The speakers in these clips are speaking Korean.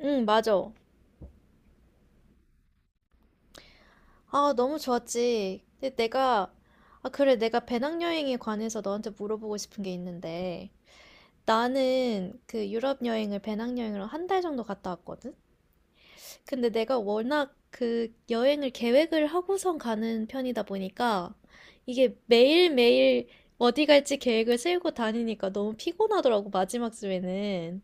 응, 맞아. 아, 너무 좋았지. 근데 내가, 아, 그래, 내가 배낭여행에 관해서 너한테 물어보고 싶은 게 있는데, 나는 그 유럽 여행을 배낭여행으로 한 달 정도 갔다 왔거든? 근데 내가 워낙 그 여행을 계획을 하고선 가는 편이다 보니까, 이게 매일매일 어디 갈지 계획을 세우고 다니니까 너무 피곤하더라고, 마지막 주에는.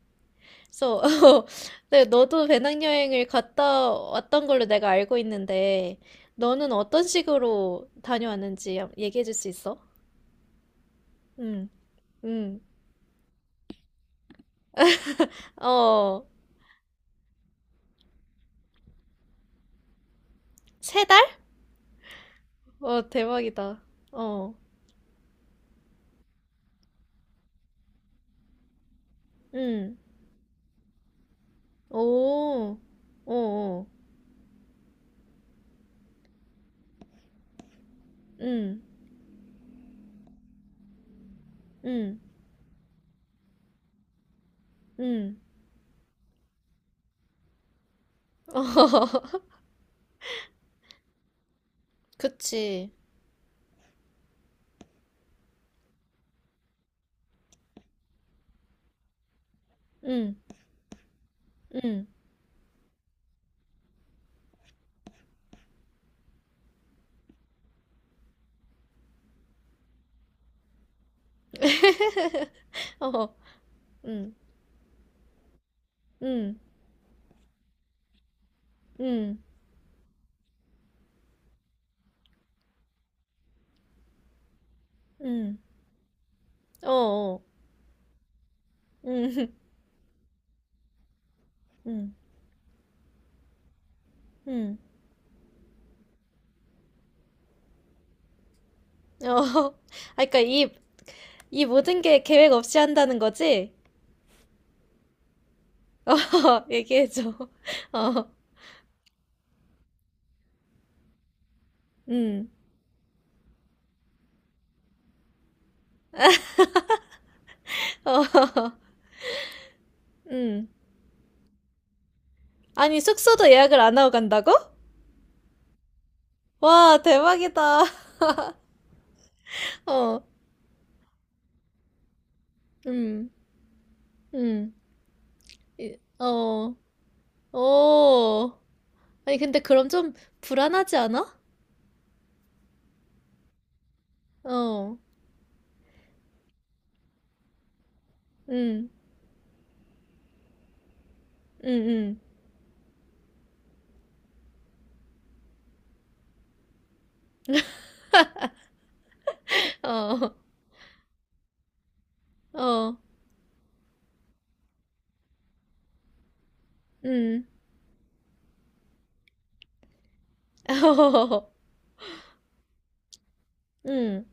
그래서 네, 너도 배낭여행을 갔다 왔던 걸로 내가 알고 있는데 너는 어떤 식으로 다녀왔는지 얘기해 줄 수 있어? 응, 응. 어, 세 달? 어, 대박이다. 어, 응. 오, 오, 오. 응, 응, 응. 어허허허 그치. 응, 응. 어, 응, 응, 응, 응. 어, 어. 응, 응, 응. 어. 아, 그러니까 이 이 모든 게 계획 없이 한다는 거지? 어, 얘기해줘. 어, 음. 어, 음. 아니, 숙소도 예약을 안 하고 간다고? 와, 대박이다. 어, 음, 음. 어, 오. 아니, 근데 그럼 좀 불안하지 않아? 어, 음, 음. 어, 어, 음. 어, 음,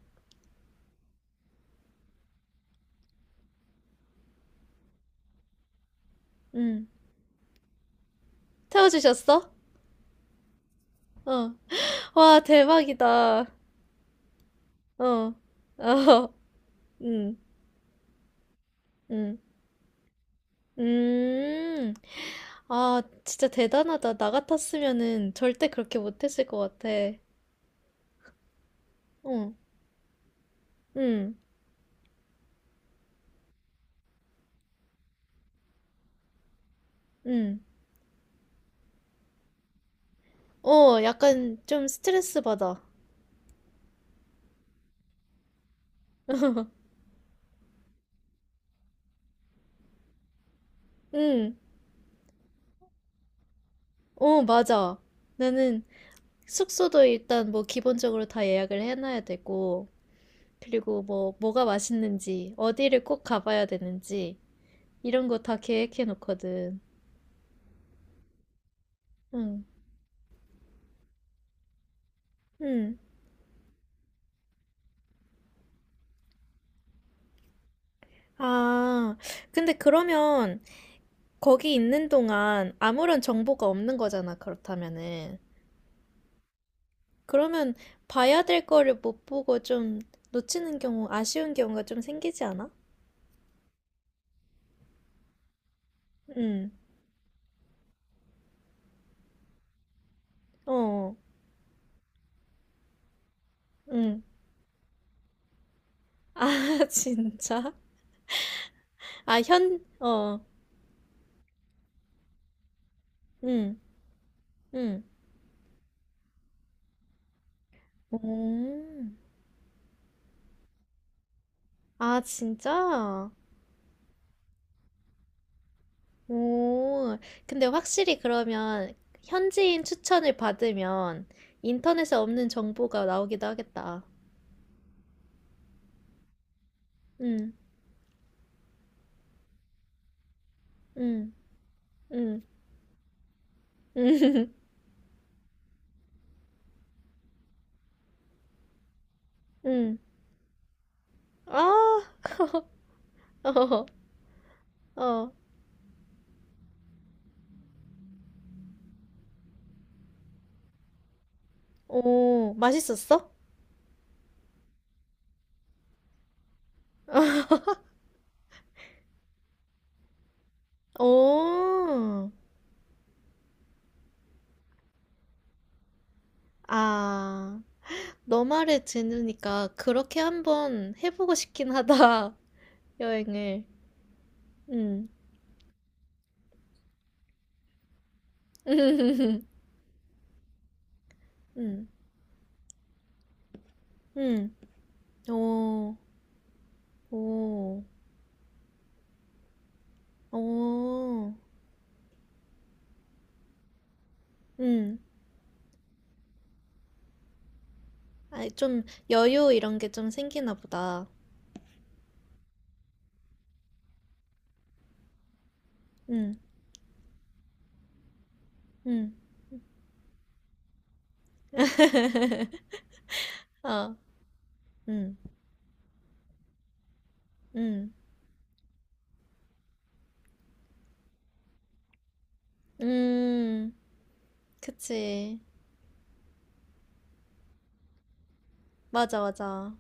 음. 태워주셨어? 어. 와, 대박이다. 어. 어. 음. 음. 음. 아, 진짜 대단하다. 나 같았으면은 절대 그렇게 못했을 것 같아. 어. 음. 음. 어, 약간 좀 스트레스 받아. 응, 어, 맞아. 나는 숙소도 일단 뭐 기본적으로 다 예약을 해놔야 되고, 그리고 뭐가 맛있는지, 어디를 꼭 가봐야 되는지, 이런 거 다 계획해 놓거든. 응, 응. 아, 근데 그러면 거기 있는 동안 아무런 정보가 없는 거잖아, 그렇다면은. 그러면 봐야 될 거를 못 보고 좀 놓치는 경우, 아쉬운 경우가 좀 생기지 않아? 응, 어, 응. 아, 진짜? 어, 응, 응. 오, 아, 진짜? 오, 근데 확실히 그러면 현지인 추천을 받으면 인터넷에 없는 정보가 나오기도 하겠다. 응, 응, 응. 응. 응. 아, 어, 어, 오, 맛있었어? 오, 아, 너 말을 들으니까 그렇게 한번 해보고 싶긴 하다, 여행을. 응, 응, 응, 오, 오, 오, 응. 아, 좀 여유 이런 게 좀 생기나 보다. 응, 응, 아, 응, 응, 음, 그치. 맞아, 맞아.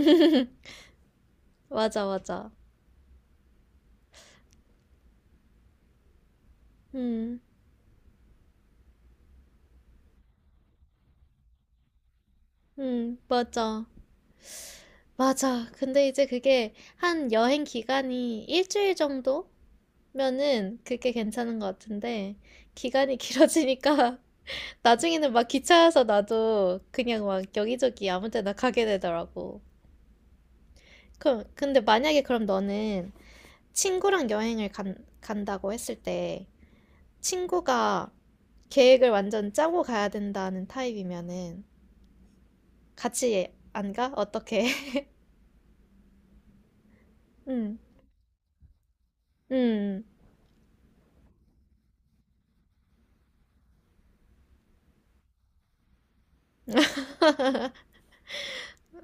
맞아, 맞아. 음, 맞아. 맞아. 근데 이제 그게 한 여행 기간이 일주일 정도면은 그게 괜찮은 것 같은데, 기간이 길어지니까 나중에는 막 기차에서 나도 그냥 막 여기저기 아무 데나 가게 되더라고. 그럼, 근데 만약에 그럼 너는 친구랑 간다고 했을 때, 친구가 계획을 완전 짜고 가야 된다는 타입이면은, 같이 안 가? 어떻게? 응, 응,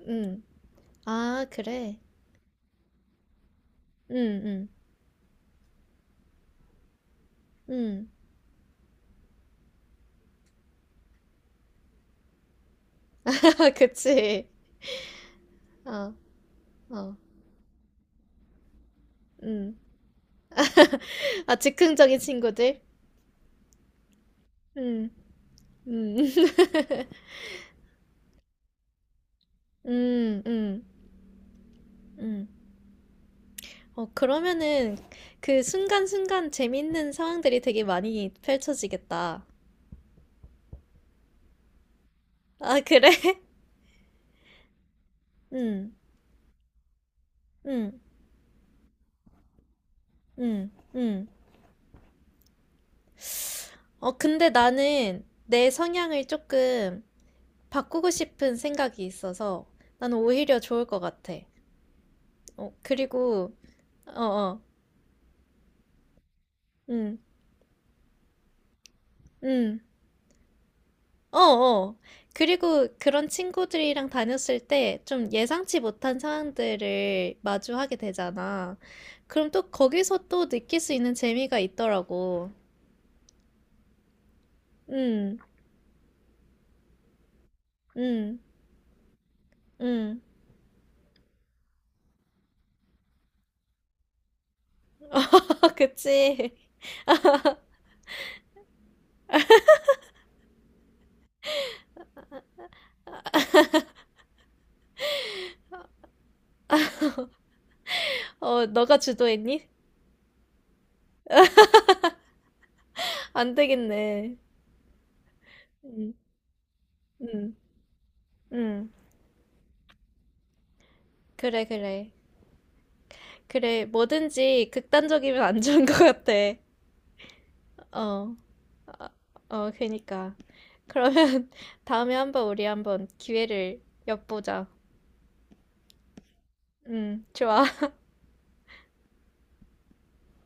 응. 아, 그래. 응, 응, 응. 그치. 어, 어, 응. 아, 즉흥적인 친구들? 응, 응, 응, 응, 응. 어, 그러면은 그 순간순간 재밌는 상황들이 되게 많이 펼쳐지겠다. 아, 그래? 응, 응, 응, 응. 어, 근데 나는 내 성향을 조금 바꾸고 싶은 생각이 있어서 나는 오히려 좋을 것 같아. 어, 그리고, 어, 어, 응, 응, 어, 어. 그리고 그런 친구들이랑 다녔을 때 좀 예상치 못한 상황들을 마주하게 되잖아. 그럼 또 거기서 또 느낄 수 있는 재미가 있더라고. 응, 응, 응. 그치? 어, 너가 주도했니? 안 되겠네. 응, 응, 응. 그래, 그래. 그래, 뭐든지 극단적이면 안 좋은 것 같아. 어, 아, 어, 어, 그니까. 그러면 다음에 한번 우리 한번 기회를 엿보자. 좋아.